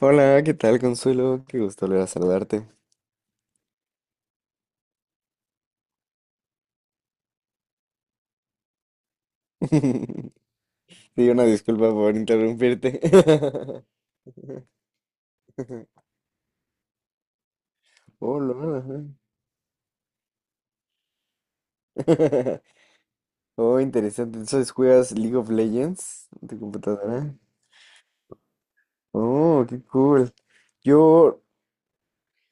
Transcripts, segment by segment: Hola, ¿qué tal, Consuelo? Qué gusto volver a saludarte. Sí, una disculpa por interrumpirte. Hola. Oh, interesante. Entonces, ¿juegas League of Legends en tu computadora? Oh, qué cool. Yo,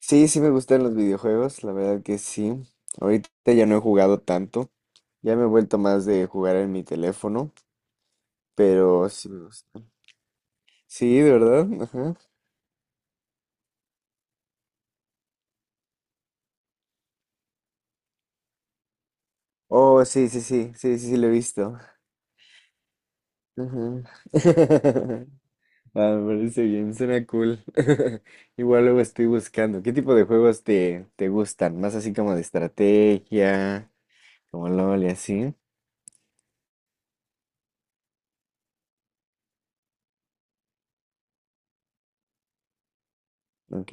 sí, sí me gustan los videojuegos, la verdad que sí. Ahorita ya no he jugado tanto. Ya me he vuelto más de jugar en mi teléfono, pero sí me gusta. Sí, de verdad. Ajá. Oh, sí, sí, sí, sí, sí, sí, lo he visto. Ujú. Ah, me parece bien, suena cool. Igual luego estoy buscando. ¿Qué tipo de juegos te gustan? Más así como de estrategia, como LOL y así. Ok,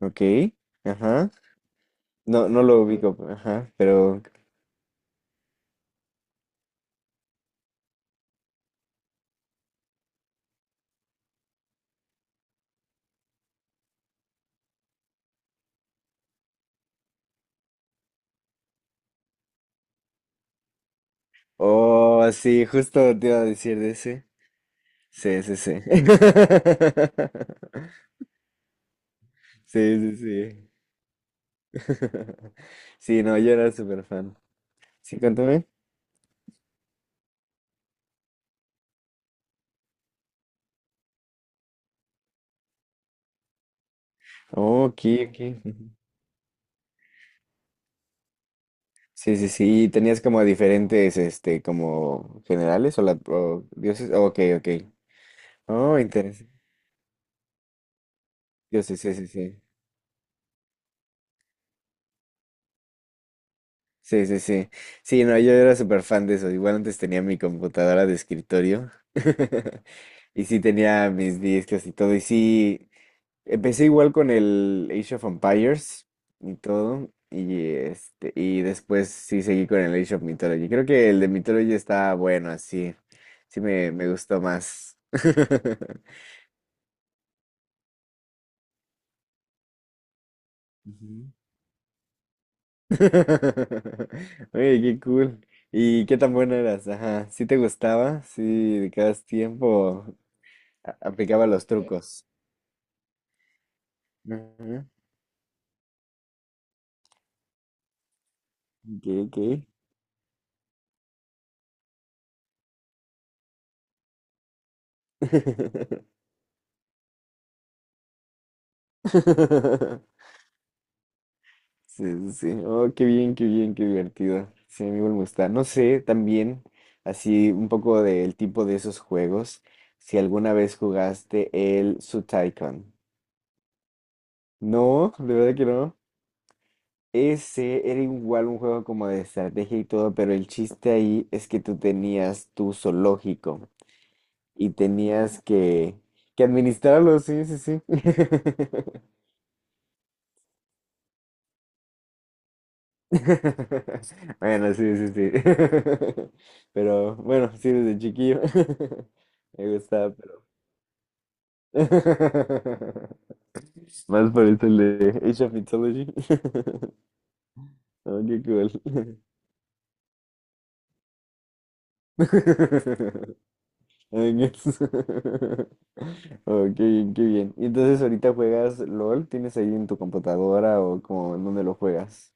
ok, ajá. No, no lo ubico, ajá, pero... Oh, sí, justo te iba a decir de ese. Sí, sí, sí. Sí, sí, sí. Sí, no, yo era súper fan. Sí, cuéntame. Oh, ok, ok. Sí, sí, sí. ¿Y tenías como diferentes, este, como generales o, la, o dioses? Oh, ok, ok. Oh, interesante. Dioses, sí, sí, sí. Sí, sí, sí. Sí, sí, no, yo era súper fan de eso. Igual antes tenía mi computadora de escritorio. Y sí tenía mis discos y todo. Y sí, empecé igual con el Age of Empires y todo. Y este, y después sí seguí con el Age of Mythology. Creo que el de Mythology está bueno, así. Sí me gustó más. Ujú. Oye, qué cool. ¿Y qué tan buena eras? Ajá. ¿Sí te gustaba? ¿Sí dedicabas tiempo? A- Aplicaba los trucos. Ajá. Ok, ok. Sí, sí, sí. Oh, qué bien, qué bien, qué divertido. Sí, a mí igual me gusta. No sé, también, así un poco del tipo de esos juegos, si alguna vez jugaste el Sutaicon. No, de verdad que no. Ese era igual un juego como de estrategia y todo, pero el chiste ahí es que tú tenías tu zoológico y tenías que administrarlo, sí, sí, sí. Bueno, sí, sí, sí. Pero bueno, sí, desde chiquillo me gustaba, pero más por esto el de Age of Mythology. Oh, qué cool. Ay, qué Oh, qué bien, qué bien. Y entonces ahorita juegas LOL, ¿tienes ahí en tu computadora o como en dónde lo juegas?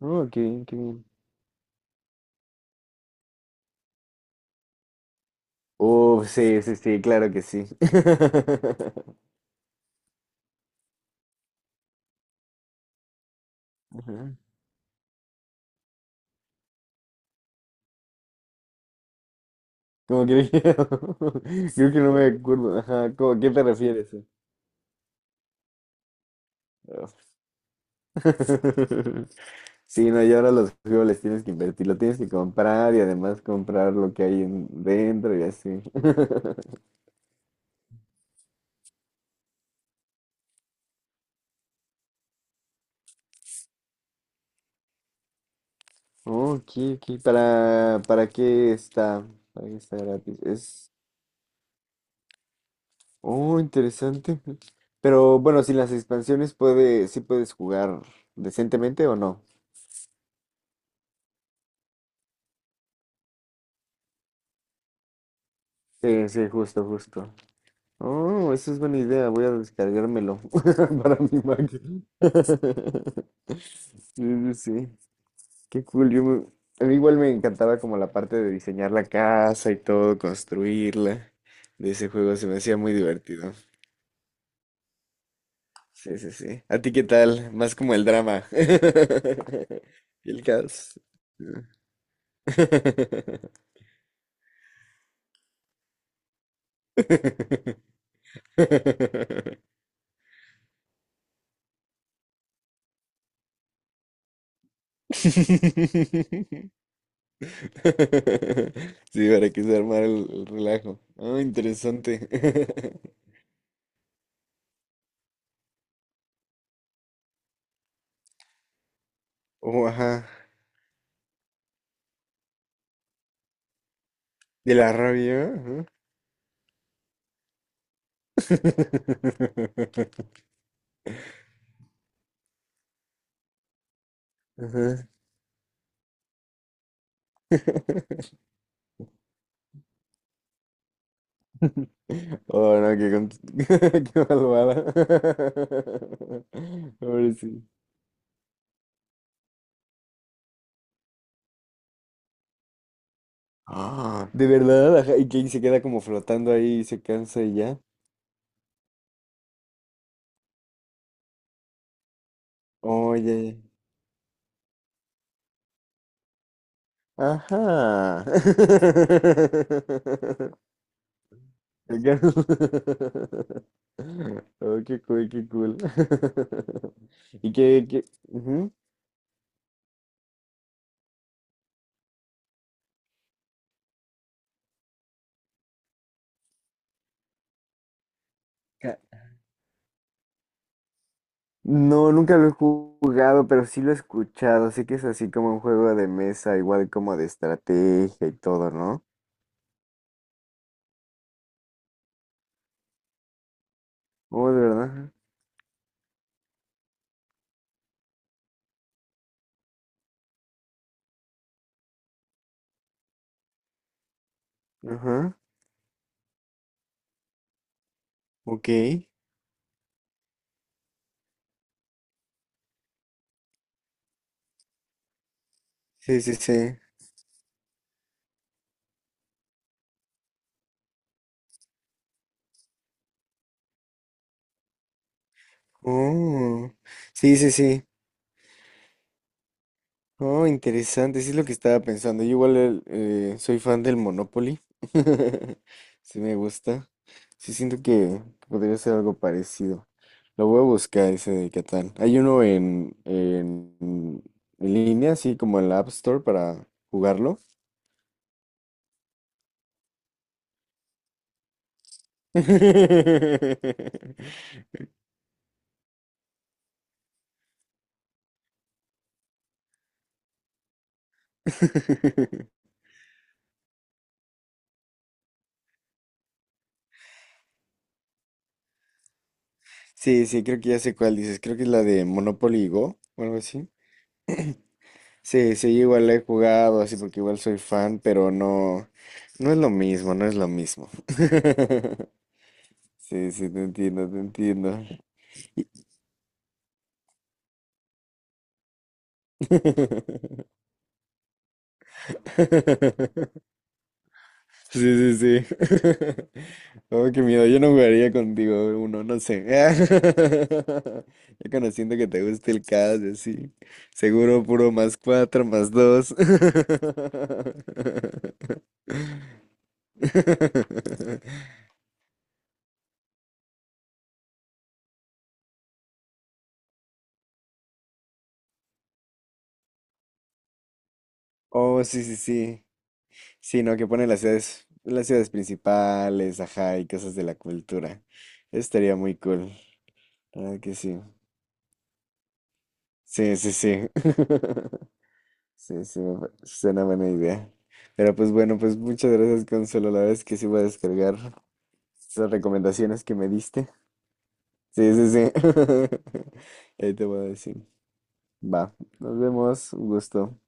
Ujú. Oh, qué bien, qué bien. Oh, sí, sí, sí, claro que sí. Ujú. ¿Cómo crees que? Creo que no me acuerdo. Ajá, ¿cómo- ¿a qué te refieres? Ah. Sí, no, y ahora los juegos les tienes que invertir, lo tienes que comprar y además comprar lo que hay en- dentro y así. Oh, aquí, aquí, ¿para qué está? ¿Para qué está gratis? Es, oh, interesante. Pero bueno, sin las expansiones puede, sí puedes jugar decentemente o no. Sí, sí, justo, justo. Oh, esa es buena idea. Voy a descargármelo para mi Mac. Sí, sí, sí. Qué cool. Yo me- a mí igual me encantaba como la parte de diseñar la casa y todo, construirla. De ese juego se me hacía muy divertido. Sí, sí, sí. ¿A ti qué tal? Más como el drama. Y el caos. Sí, para que se armara el relajo. Ah, interesante. Oh, ajá. De la rabia. Ajá. Ajá. Oh, no, qué, con- qué malvada. Ahora sí. Ah, de verdad, ajá. Y que ahí se queda como flotando ahí y se cansa y ya. Oye. Ajá. Venga. Oh, qué cool, qué cool. Y que- ujú. Ca- no, nunca lo he jugado, pero sí lo he escuchado. Sé que es así como un juego de mesa, igual como de estrategia y todo, ¿no? Oh, de verdad. Ajá. Ok. Sí, sí, sí. Oh. Sí, sí, sí. Oh, interesante, sí es lo que estaba pensando. Yo igual el- soy fan del Monopoly. Sí me gusta. Sí siento que podría ser algo parecido. Lo voy a buscar ese de Catán. Hay uno en línea, así como en la App Store para jugarlo. Sí, sí, creo que ya sé cuál dices. Creo que es la de Monopoly Go o algo así. Sí, sí, yo igual he jugado, así porque igual soy fan, pero no, no es lo mismo, no es lo mismo. Sí, sí, te entiendo, te entiendo. Y- Sí, sí, sí. Oh, qué miedo, yo no jugaría contigo uno, no sé. Ya conociendo que te gusta el caso, así. Seguro puro +4, +2. Oh, sí, sí, sí. Sí, no, que pone las ciudades principales, ajá, y cosas de la cultura. Eso estaría muy cool. La verdad que sí. Sí, sí, sí. Sí, sí, me pa- suena buena idea. Pero pues bueno, pues muchas gracias, Consuelo. La verdad es que sí voy a descargar esas recomendaciones que me diste. Sí, sí, sí. Ahí te voy a decir. Va, nos vemos. Un gusto.